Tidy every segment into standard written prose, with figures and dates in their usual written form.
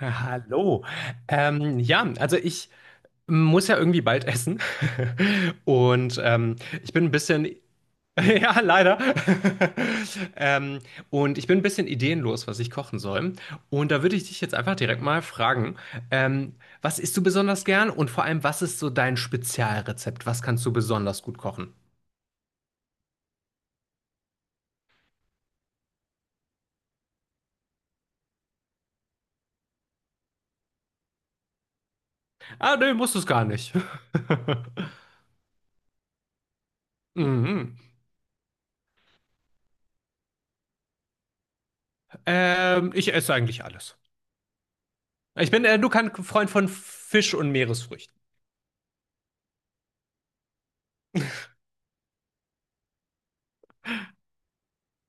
Hallo. Ja, also ich muss ja irgendwie bald essen. Und ähm, ich bin ein bisschen, ja, leider. Ähm, und ich bin ein bisschen ideenlos, was ich kochen soll. Und da würde ich dich jetzt einfach direkt mal fragen, ähm, was isst du besonders gern und vor allem, was ist so dein Spezialrezept? Was kannst du besonders gut kochen? Ah, nee, musst du es gar nicht. Mhm. Ich esse eigentlich alles. Ich bin, du kannst Freund von Fisch und Meeresfrüchten.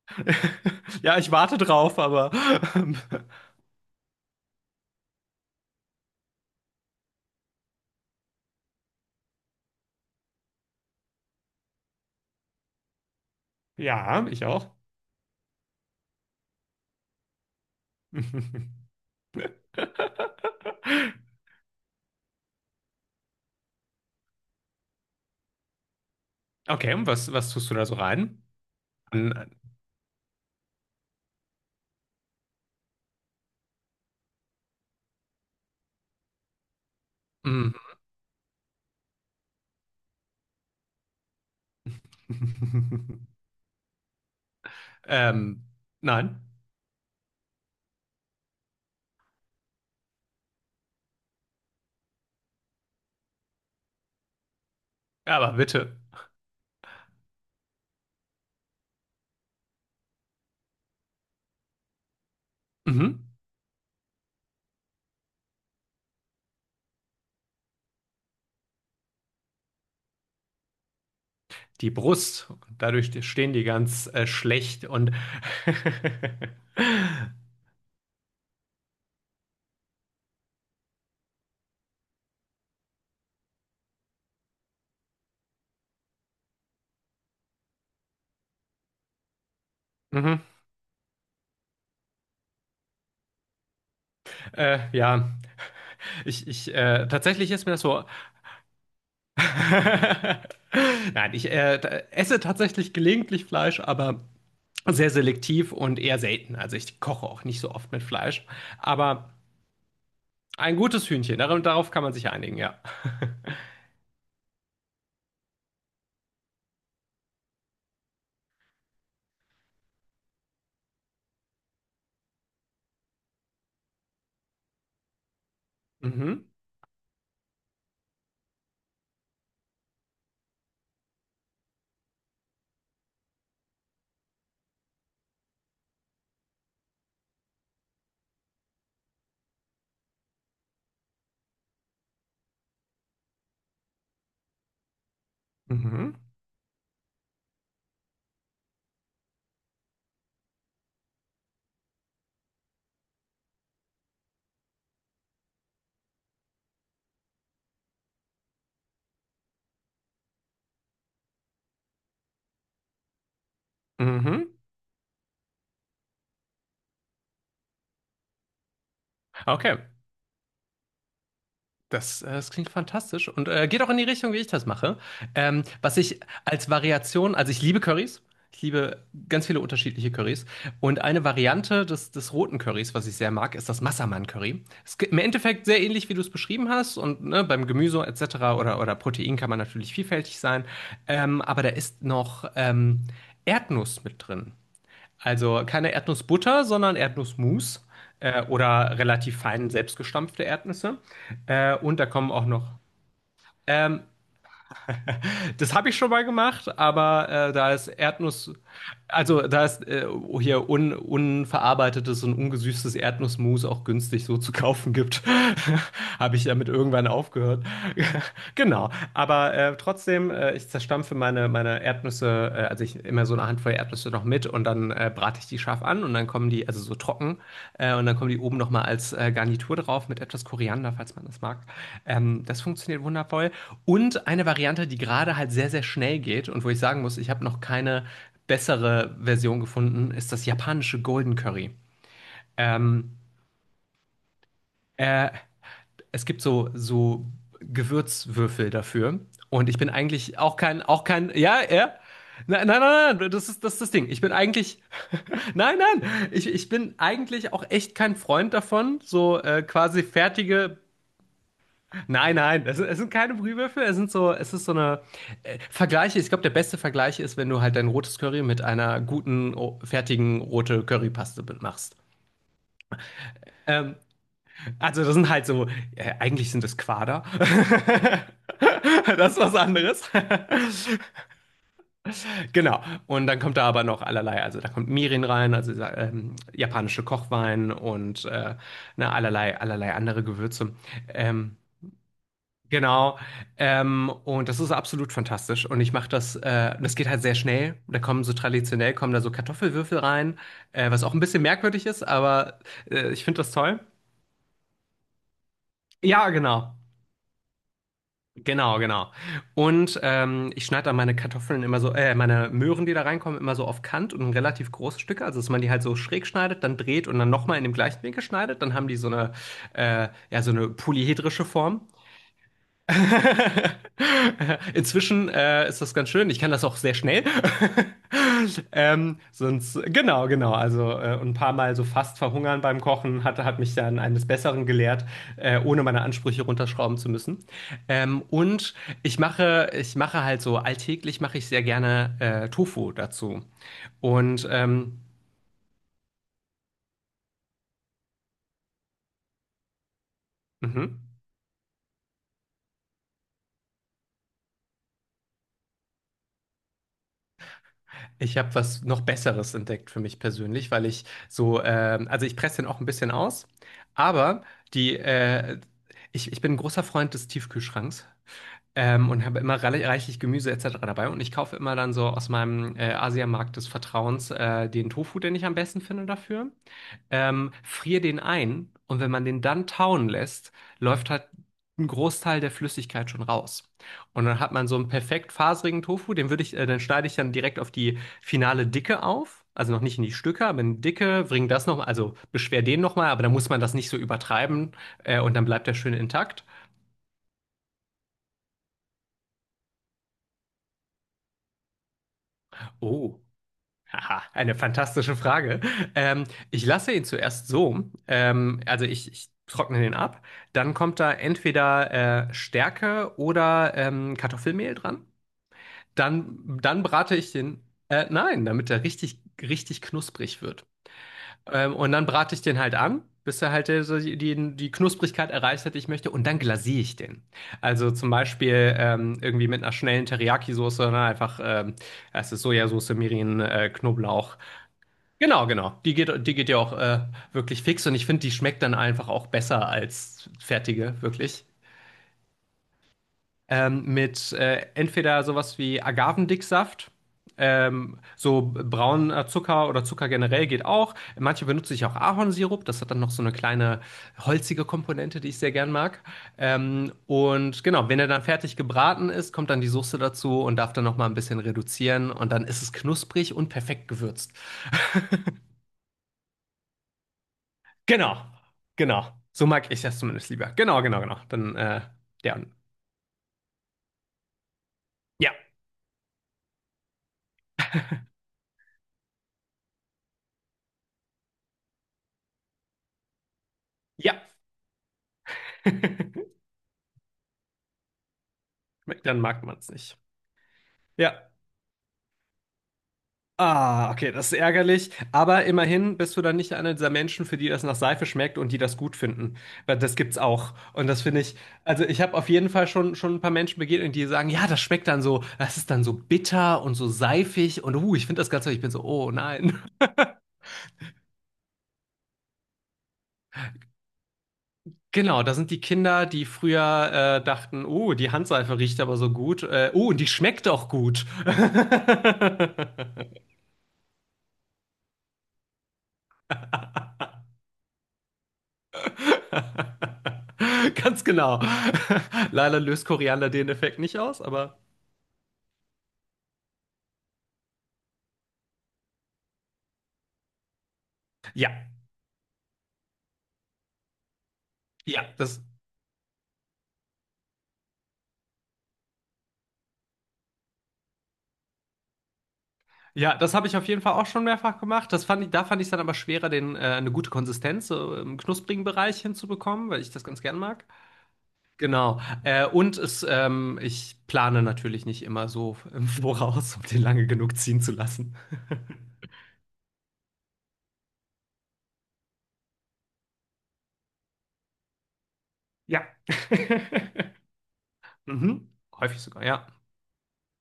Ja, ich warte drauf, aber. Ja, ich auch. Okay, und was, was tust du da so rein? An- mm. Ähm, nein. Ja, aber bitte. Mhm. Die Brust. Dadurch stehen die ganz schlecht und. Mhm. Ja, ich tatsächlich ist mir das so. Nein, ich esse tatsächlich gelegentlich Fleisch, aber sehr selektiv und eher selten. Also ich koche auch nicht so oft mit Fleisch. Aber ein gutes Hühnchen, darauf kann man sich einigen, ja. Mhm. Mhm. Mhm. Okay. Das, das klingt fantastisch und geht auch in die Richtung, wie ich das mache. Was ich als Variation, also ich liebe Currys, ich liebe ganz viele unterschiedliche Currys. Und eine Variante des roten Currys, was ich sehr mag, ist das Massaman-Curry. Ist im Endeffekt sehr ähnlich, wie du es beschrieben hast. Und ne, beim Gemüse etc. Oder Protein kann man natürlich vielfältig sein. Aber da ist noch Erdnuss mit drin. Also keine Erdnussbutter, sondern Erdnussmus oder relativ fein selbstgestampfte Erdnüsse. Und da kommen auch noch. Ähm, das habe ich schon mal gemacht, aber da ist Erdnuss, also da ist hier unverarbeitetes und ungesüßtes Erdnussmus auch günstig so zu kaufen gibt, habe ich damit irgendwann aufgehört. Genau, aber trotzdem, ich zerstampfe meine Erdnüsse, also ich immer so eine Handvoll Erdnüsse noch mit und dann brate ich die scharf an und dann kommen die, also so trocken, und dann kommen die oben nochmal als Garnitur drauf mit etwas Koriander, falls man das mag. Das funktioniert wundervoll. Und eine Variante, die gerade halt sehr, sehr schnell geht und wo ich sagen muss, ich habe noch keine bessere Version gefunden, ist das japanische Golden Curry. Ähm, äh, es gibt so, so Gewürzwürfel dafür. Und ich bin eigentlich auch kein, ja, ja. Nein, nein, nein, nein, das ist, das ist das Ding. Ich bin eigentlich, nein, nein, ich bin eigentlich auch echt kein Freund davon, so quasi fertige, nein, nein, es sind keine Brühwürfel, es sind so, es ist so eine Vergleiche. Ich glaube, der beste Vergleich ist, wenn du halt dein rotes Curry mit einer guten, fertigen rote Currypaste machst. Ähm, also das sind halt so, eigentlich sind das Quader. Das ist was anderes. Genau. Und dann kommt da aber noch allerlei. Also da kommt Mirin rein, also dieser, japanische Kochwein und ne, allerlei, allerlei andere Gewürze. Ähm, genau. Und das ist absolut fantastisch. Und ich mache das, das geht halt sehr schnell. Da kommen so traditionell, kommen da so Kartoffelwürfel rein, was auch ein bisschen merkwürdig ist, aber ich finde das toll. Ja, genau. Genau, genau. Und ich schneide dann meine Kartoffeln immer so, meine Möhren, die da reinkommen, immer so auf Kant und in relativ große Stücke. Also, dass man die halt so schräg schneidet, dann dreht und dann nochmal in dem gleichen Winkel schneidet. Dann haben die so eine, ja, so eine polyhedrische Form. Inzwischen ist das ganz schön. Ich kann das auch sehr schnell. Sonst, genau, genau. Also ein paar Mal so fast verhungern beim Kochen hat mich dann eines Besseren gelehrt, ohne meine Ansprüche runterschrauben zu müssen. Und ich mache halt so alltäglich mache ich sehr gerne Tofu dazu. Und mhm. Ich habe was noch Besseres entdeckt für mich persönlich, weil ich so, also ich presse den auch ein bisschen aus, aber die, ich bin ein großer Freund des Tiefkühlschranks. Und habe immer reichlich Gemüse etc. dabei. Und ich kaufe immer dann so aus meinem Asiamarkt des Vertrauens den Tofu, den ich am besten finde dafür. Friere den ein und wenn man den dann tauen lässt, läuft halt ein Großteil der Flüssigkeit schon raus. Und dann hat man so einen perfekt faserigen Tofu, den würde den schneide ich dann direkt auf die finale Dicke auf. Also noch nicht in die Stücke, aber in die Dicke, bring das nochmal, also beschwer den nochmal, aber dann muss man das nicht so übertreiben, und dann bleibt der schön intakt. Oh. Aha, eine fantastische Frage. Ähm, ich lasse ihn zuerst so, ich trockne den ab. Dann kommt da entweder Stärke oder Kartoffelmehl dran. Dann brate ich den, nein, damit er richtig, richtig knusprig wird. Und dann brate ich den halt an, bis er halt so die Knusprigkeit erreicht hat, die ich möchte. Und dann glasiere ich den. Also zum Beispiel irgendwie mit einer schnellen Teriyaki-Soße, ne? Einfach, es ist Sojasauce, Mirin, Knoblauch. Genau, genau. Die geht ja auch wirklich fix und ich finde, die schmeckt dann einfach auch besser als fertige, wirklich. Mit entweder sowas wie Agavendicksaft, so brauner Zucker oder Zucker generell geht auch. Manche benutze ich auch Ahornsirup, das hat dann noch so eine kleine holzige Komponente, die ich sehr gern mag. Und genau, wenn er dann fertig gebraten ist, kommt dann die Soße dazu und darf dann noch mal ein bisschen reduzieren und dann ist es knusprig und perfekt gewürzt. Genau, genau. So mag ich das zumindest lieber. Genau, genau, genau. Dann, ja. Ja, ja. Dann mag man es nicht. Ja. Ah, okay, das ist ärgerlich. Aber immerhin bist du dann nicht einer dieser Menschen, für die das nach Seife schmeckt und die das gut finden. Weil das gibt's auch. Und das finde ich, also ich habe auf jeden Fall schon ein paar Menschen begegnet, die sagen, ja, das schmeckt dann so, das ist dann so bitter und so seifig und ich finde das ganz toll. Ich bin so, oh nein. Genau, da sind die Kinder, die früher dachten, oh, die Handseife riecht aber so gut. Oh, und die schmeckt auch gut. Ganz genau. Leider löst Koriander den Effekt nicht aus, aber ja, ja, das, ja, das habe ich auf jeden Fall auch schon mehrfach gemacht. Das fand ich, da fand ich es dann aber schwerer, den, eine gute Konsistenz so im knusprigen Bereich hinzubekommen, weil ich das ganz gern mag. Genau. Und es, ich plane natürlich nicht immer so im Voraus, um den lange genug ziehen zu lassen. Ja. Mhm. Häufig sogar, ja.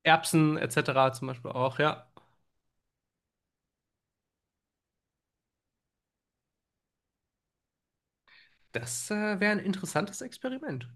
Erbsen etc. zum Beispiel auch, ja. Das wäre ein interessantes Experiment.